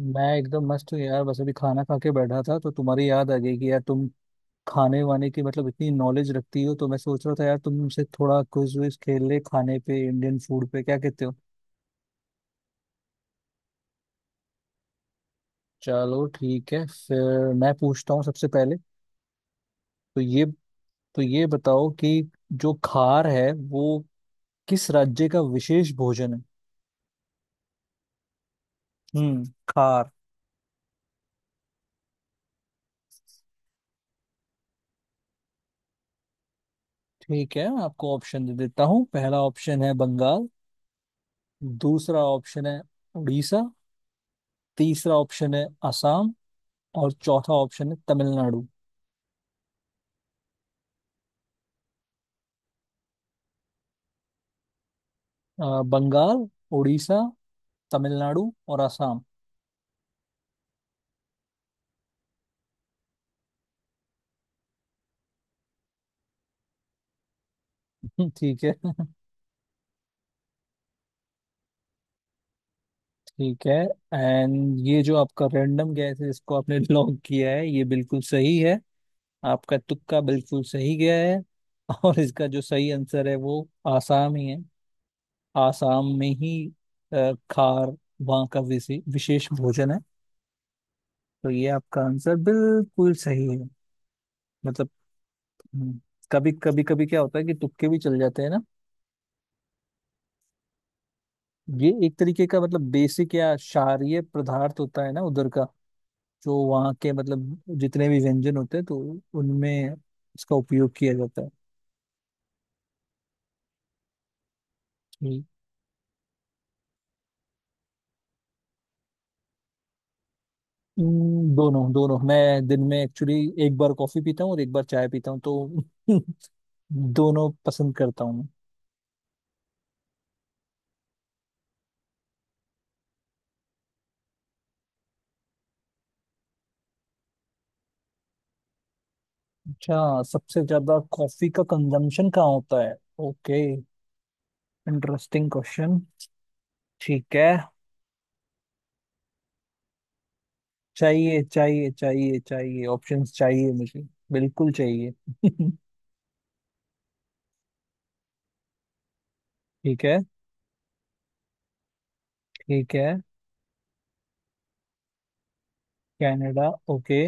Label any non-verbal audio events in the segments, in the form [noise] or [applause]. मैं एकदम मस्त हूँ यार। बस अभी खाना खा के बैठा था तो तुम्हारी याद आ गई कि यार तुम खाने वाने की मतलब इतनी नॉलेज रखती हो, तो मैं सोच रहा था यार तुमसे थोड़ा क्विज विज खेल ले खाने पे, इंडियन फूड पे। क्या कहते हो? चलो ठीक है, फिर मैं पूछता हूँ सबसे पहले। तो ये तो ये बताओ कि जो खार है वो किस राज्य का विशेष भोजन है। खार। ठीक है, मैं आपको ऑप्शन दे देता हूँ। पहला ऑप्शन है बंगाल। दूसरा ऑप्शन है उड़ीसा। तीसरा ऑप्शन है असम। और चौथा ऑप्शन है तमिलनाडु। बंगाल, उड़ीसा, तमिलनाडु और असम। [laughs] ठीक है। ठीक है। एंड ये जो आपका रैंडम गैस है, इसको आपने [laughs] लॉक किया है, ये बिल्कुल सही है। आपका तुक्का बिल्कुल सही गया है। [laughs] और इसका जो सही आंसर है वो आसाम ही है। आसाम में ही खार वहाँ का विशेष भोजन है। तो ये आपका आंसर बिल्कुल सही है। मतलब। हम्म, कभी कभी कभी क्या होता है कि तुक्के भी चल जाते हैं ना। ये एक तरीके का मतलब बेसिक या क्षारीय पदार्थ होता है ना उधर का। जो वहाँ के मतलब जितने भी व्यंजन होते हैं, तो उनमें इसका उपयोग किया जाता है। हम्म। दोनों दोनों। मैं दिन में एक्चुअली एक बार कॉफी पीता हूँ और एक बार चाय पीता हूँ, तो [laughs] दोनों पसंद करता हूँ मैं। अच्छा, सबसे ज्यादा कॉफी का कंजम्पशन कहाँ होता है। ओके। Interesting question. ठीक है। चाहिए चाहिए चाहिए चाहिए, ऑप्शंस चाहिए मुझे। बिल्कुल चाहिए। [laughs] ठीक है। ठीक है। Canada okay.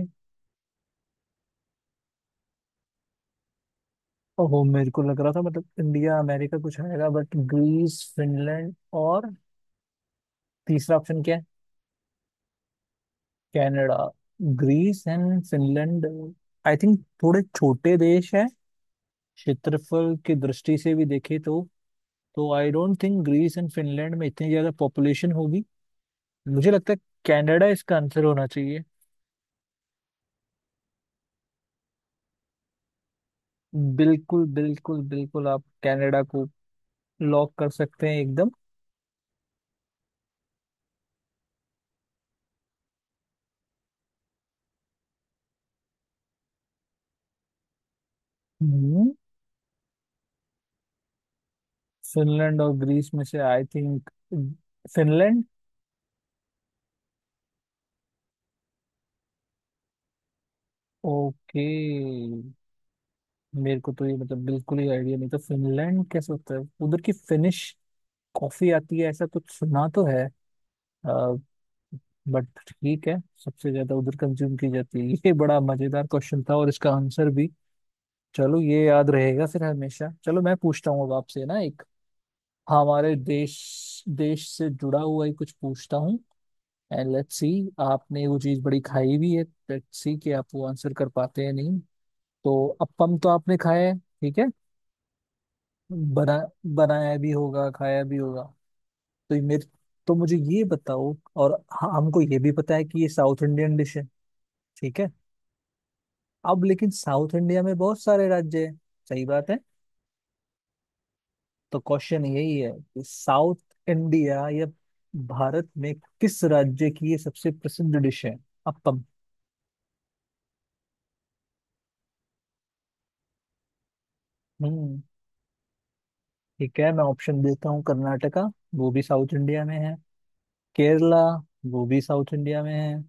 ओहो, मेरे को लग रहा था मतलब इंडिया, अमेरिका कुछ आएगा, बट ग्रीस, फिनलैंड और तीसरा ऑप्शन क्या है? Canada. Greece and Finland I think थोड़े छोटे देश हैं, क्षेत्रफल की दृष्टि से भी देखे तो। तो I don't think Greece and Finland में इतनी ज्यादा पॉपुलेशन होगी। मुझे लगता है कनाडा इसका आंसर होना चाहिए। बिल्कुल बिल्कुल बिल्कुल, आप कनाडा को लॉक कर सकते हैं एकदम। हम्म फिनलैंड और ग्रीस में से आई थिंक फिनलैंड। ओके। मेरे को तो ये मतलब बिल्कुल ही आइडिया नहीं था, फिनलैंड कैसे होता है। उधर की फिनिश कॉफी आती है ऐसा कुछ सुना तो है, बट ठीक है। सबसे ज्यादा उधर कंज्यूम की जाती है। [laughs] ये बड़ा मजेदार क्वेश्चन था और इसका आंसर भी। चलो, ये याद रहेगा फिर हमेशा। चलो मैं पूछता हूँ अब आपसे ना एक, हमारे देश देश से जुड़ा हुआ ही कुछ पूछता हूँ। एंड लेट्स सी, आपने वो चीज बड़ी खाई भी है। लेट्स सी कि आप वो आंसर कर पाते हैं नहीं। तो अप्पम तो आपने खाया है, ठीक है। बना, बनाया भी होगा, खाया भी होगा। तो ये मेरे, तो मुझे ये बताओ और हमको ये भी पता है कि ये साउथ इंडियन डिश है, ठीक है। अब लेकिन साउथ इंडिया में बहुत सारे राज्य हैं, सही बात है। तो क्वेश्चन यही है कि साउथ इंडिया या भारत में किस राज्य की ये सबसे प्रसिद्ध डिश है, अप्पम। हम्म ठीक है, मैं ऑप्शन देता हूँ। कर्नाटका, वो भी साउथ इंडिया में है। केरला, वो भी साउथ इंडिया में है।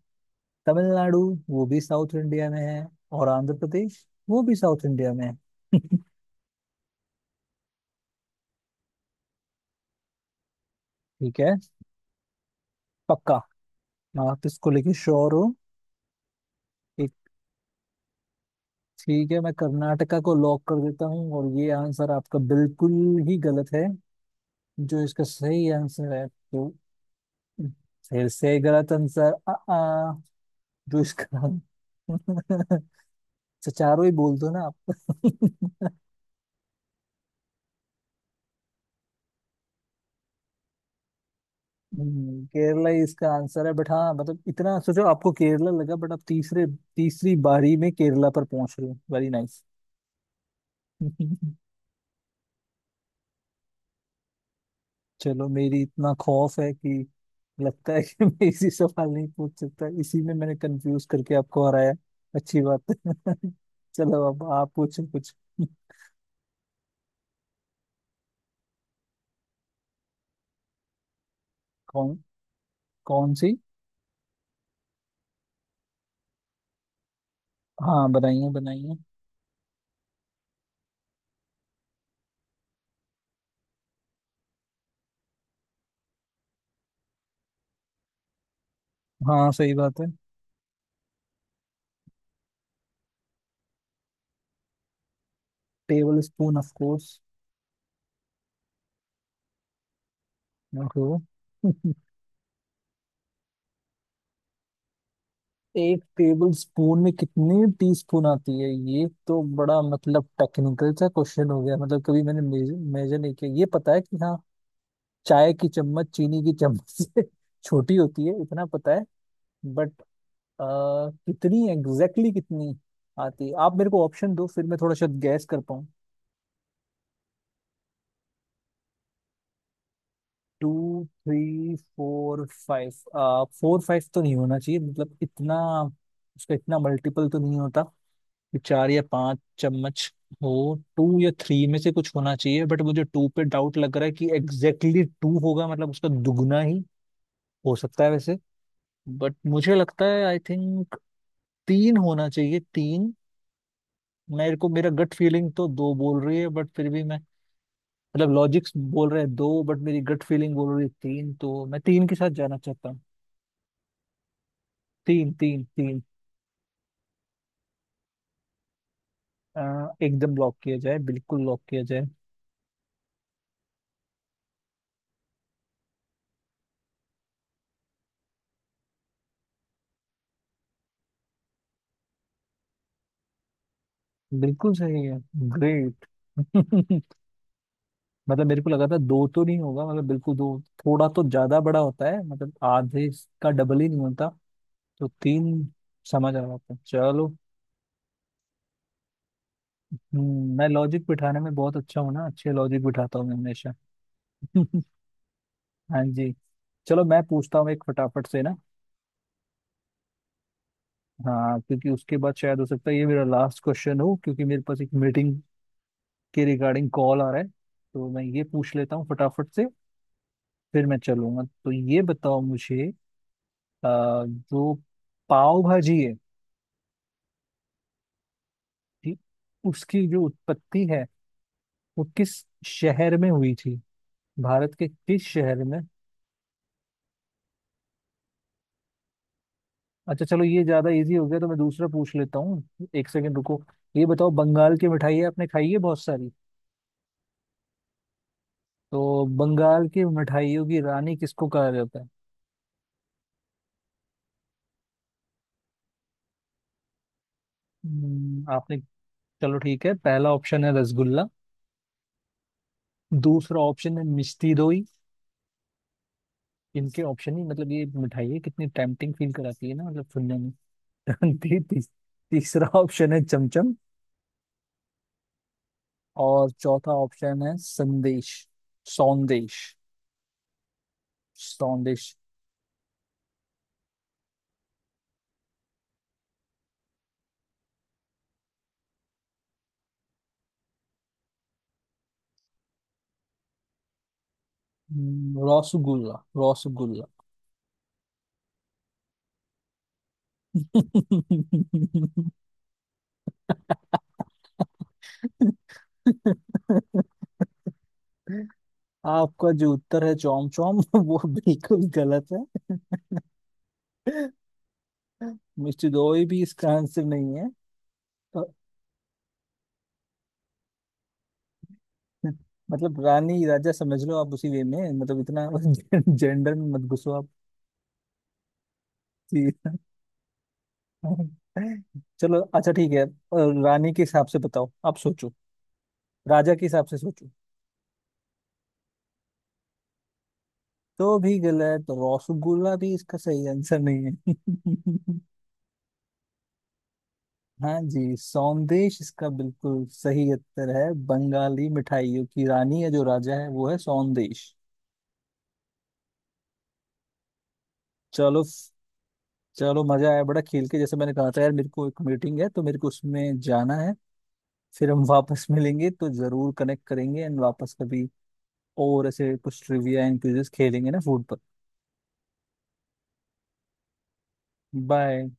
तमिलनाडु, वो भी साउथ इंडिया में है। और आंध्र प्रदेश, वो भी साउथ इंडिया में है। [laughs] ठीक है। पक्का? आप इसको लेके श्योर हो? एक, ठीक है, मैं कर्नाटका को लॉक कर देता हूँ और ये आंसर आपका बिल्कुल ही गलत है। जो इसका सही आंसर है तो, फिर से गलत आंसर। आ, आ, जो इसका [laughs] अच्छा चारों ही बोल दो ना आप। [laughs] केरला ही इसका आंसर है। बट हाँ, मतलब इतना सोचो, आपको केरला लगा बट आप तीसरे, तीसरी बारी में केरला पर पहुंच रहे हो। Very nice. [laughs] चलो, मेरी इतना खौफ है कि लगता है कि [laughs] मैं इसी सवाल नहीं पूछ सकता, इसी में मैंने कंफ्यूज करके आपको हराया। अच्छी बात है। [laughs] चलो अब आप पूछो कुछ। कौन कौन सी? हाँ बनाइए बनाइए। हाँ, सही बात है। Tablespoon of course. ओहो। [laughs] एक टेबल स्पून में कितनी टीस्पून आती है, ये तो बड़ा मतलब टेक्निकल सा क्वेश्चन हो गया। मतलब कभी मैंने मेजर नहीं किया, ये पता है कि हाँ, चाय की चम्मच चीनी की चम्मच से [laughs] छोटी होती है इतना पता है। बट कितनी एग्जैक्टली, exactly कितनी आती है, आप मेरे को ऑप्शन दो फिर मैं थोड़ा शायद गैस कर पाऊँ। Two three four five. Four five तो नहीं होना चाहिए, मतलब इतना उसका इतना मल्टीपल तो नहीं होता कि चार या पांच चम्मच हो। टू या थ्री में से कुछ होना चाहिए, बट मुझे टू पे डाउट लग रहा है कि एग्जैक्टली exactly टू होगा, मतलब उसका दुगना ही हो सकता है वैसे। बट मुझे लगता है आई थिंक तीन होना चाहिए, तीन। मेरे को, मेरा गट फीलिंग तो दो बोल रही है बट फिर भी मैं, मतलब लॉजिक्स बोल रहे हैं दो बट मेरी गट फीलिंग बोल रही है तीन, तो मैं तीन के साथ जाना चाहता हूँ। तीन तीन तीन। एकदम लॉक किया जाए, बिल्कुल लॉक किया जाए। बिल्कुल सही है, ग्रेट। [laughs] मतलब मेरे को लगा था दो तो नहीं होगा, मतलब बिल्कुल दो थोड़ा तो ज्यादा बड़ा होता है, मतलब आधे का डबल ही नहीं होता। तो तीन समझ आ रहा था, चलो। मैं लॉजिक बिठाने में बहुत अच्छा हूँ ना, अच्छे लॉजिक बिठाता हूँ मैं हमेशा। [laughs] हाँ जी। चलो मैं पूछता हूँ एक फटाफट से ना। हाँ, क्योंकि उसके बाद शायद हो सकता है ये मेरा लास्ट क्वेश्चन हो, क्योंकि मेरे पास एक मीटिंग के रिगार्डिंग कॉल आ रहा है। तो मैं ये पूछ लेता हूँ फटाफट से, फिर मैं चलूंगा। तो ये बताओ मुझे, जो पाव भाजी है, थी, उसकी जो उत्पत्ति है वो किस शहर में हुई थी, भारत के किस शहर में? अच्छा चलो, ये ज्यादा इजी हो गया तो मैं दूसरा पूछ लेता हूँ, एक सेकंड रुको। ये बताओ, बंगाल की मिठाइयाँ आपने खाई है बहुत सारी। तो बंगाल की मिठाइयों की रानी किसको कहा जाता है? आपने, चलो ठीक है, पहला ऑप्शन है रसगुल्ला। दूसरा ऑप्शन है मिष्टी दोई। इनके ऑप्शन ही मतलब, ये मिठाई है कितनी टेम्पटिंग फील कराती है ना, मतलब सुनने में। [laughs] ती, ती, तीसरा ऑप्शन है चमचम। और चौथा ऑप्शन है संदेश, सौंदेश। सौंदेश। रसगुल्ला, रसगुल्ला। [laughs] आपका जो उत्तर है चौम चौम, [laughs] वो बिल्कुल गलत है। मिस्टर दोई भी इसका आंसर नहीं है। तो मतलब रानी राजा समझ लो आप उसी वे में, मतलब इतना [laughs] जेंडर में मत घुसो आप। [laughs] जी। चलो, अच्छा ठीक है, रानी के हिसाब से बताओ, आप सोचो, राजा के हिसाब से सोचो। तो भी गलत, तो रसगुल्ला भी इसका सही आंसर नहीं है। [laughs] हाँ जी, सौंदेश इसका बिल्कुल सही उत्तर है। बंगाली मिठाइयों की रानी है, जो राजा है वो है सौंदेश। चलो। चलो, मजा आया बड़ा खेल के। जैसे मैंने कहा था यार, मेरे को एक मीटिंग है तो मेरे को उसमें जाना है, फिर हम वापस [laughs] मिलेंगे, तो जरूर कनेक्ट करेंगे एंड वापस कभी और ऐसे कुछ ट्रिविया एंड क्विजेस खेलेंगे ना, फूड पर। बाय।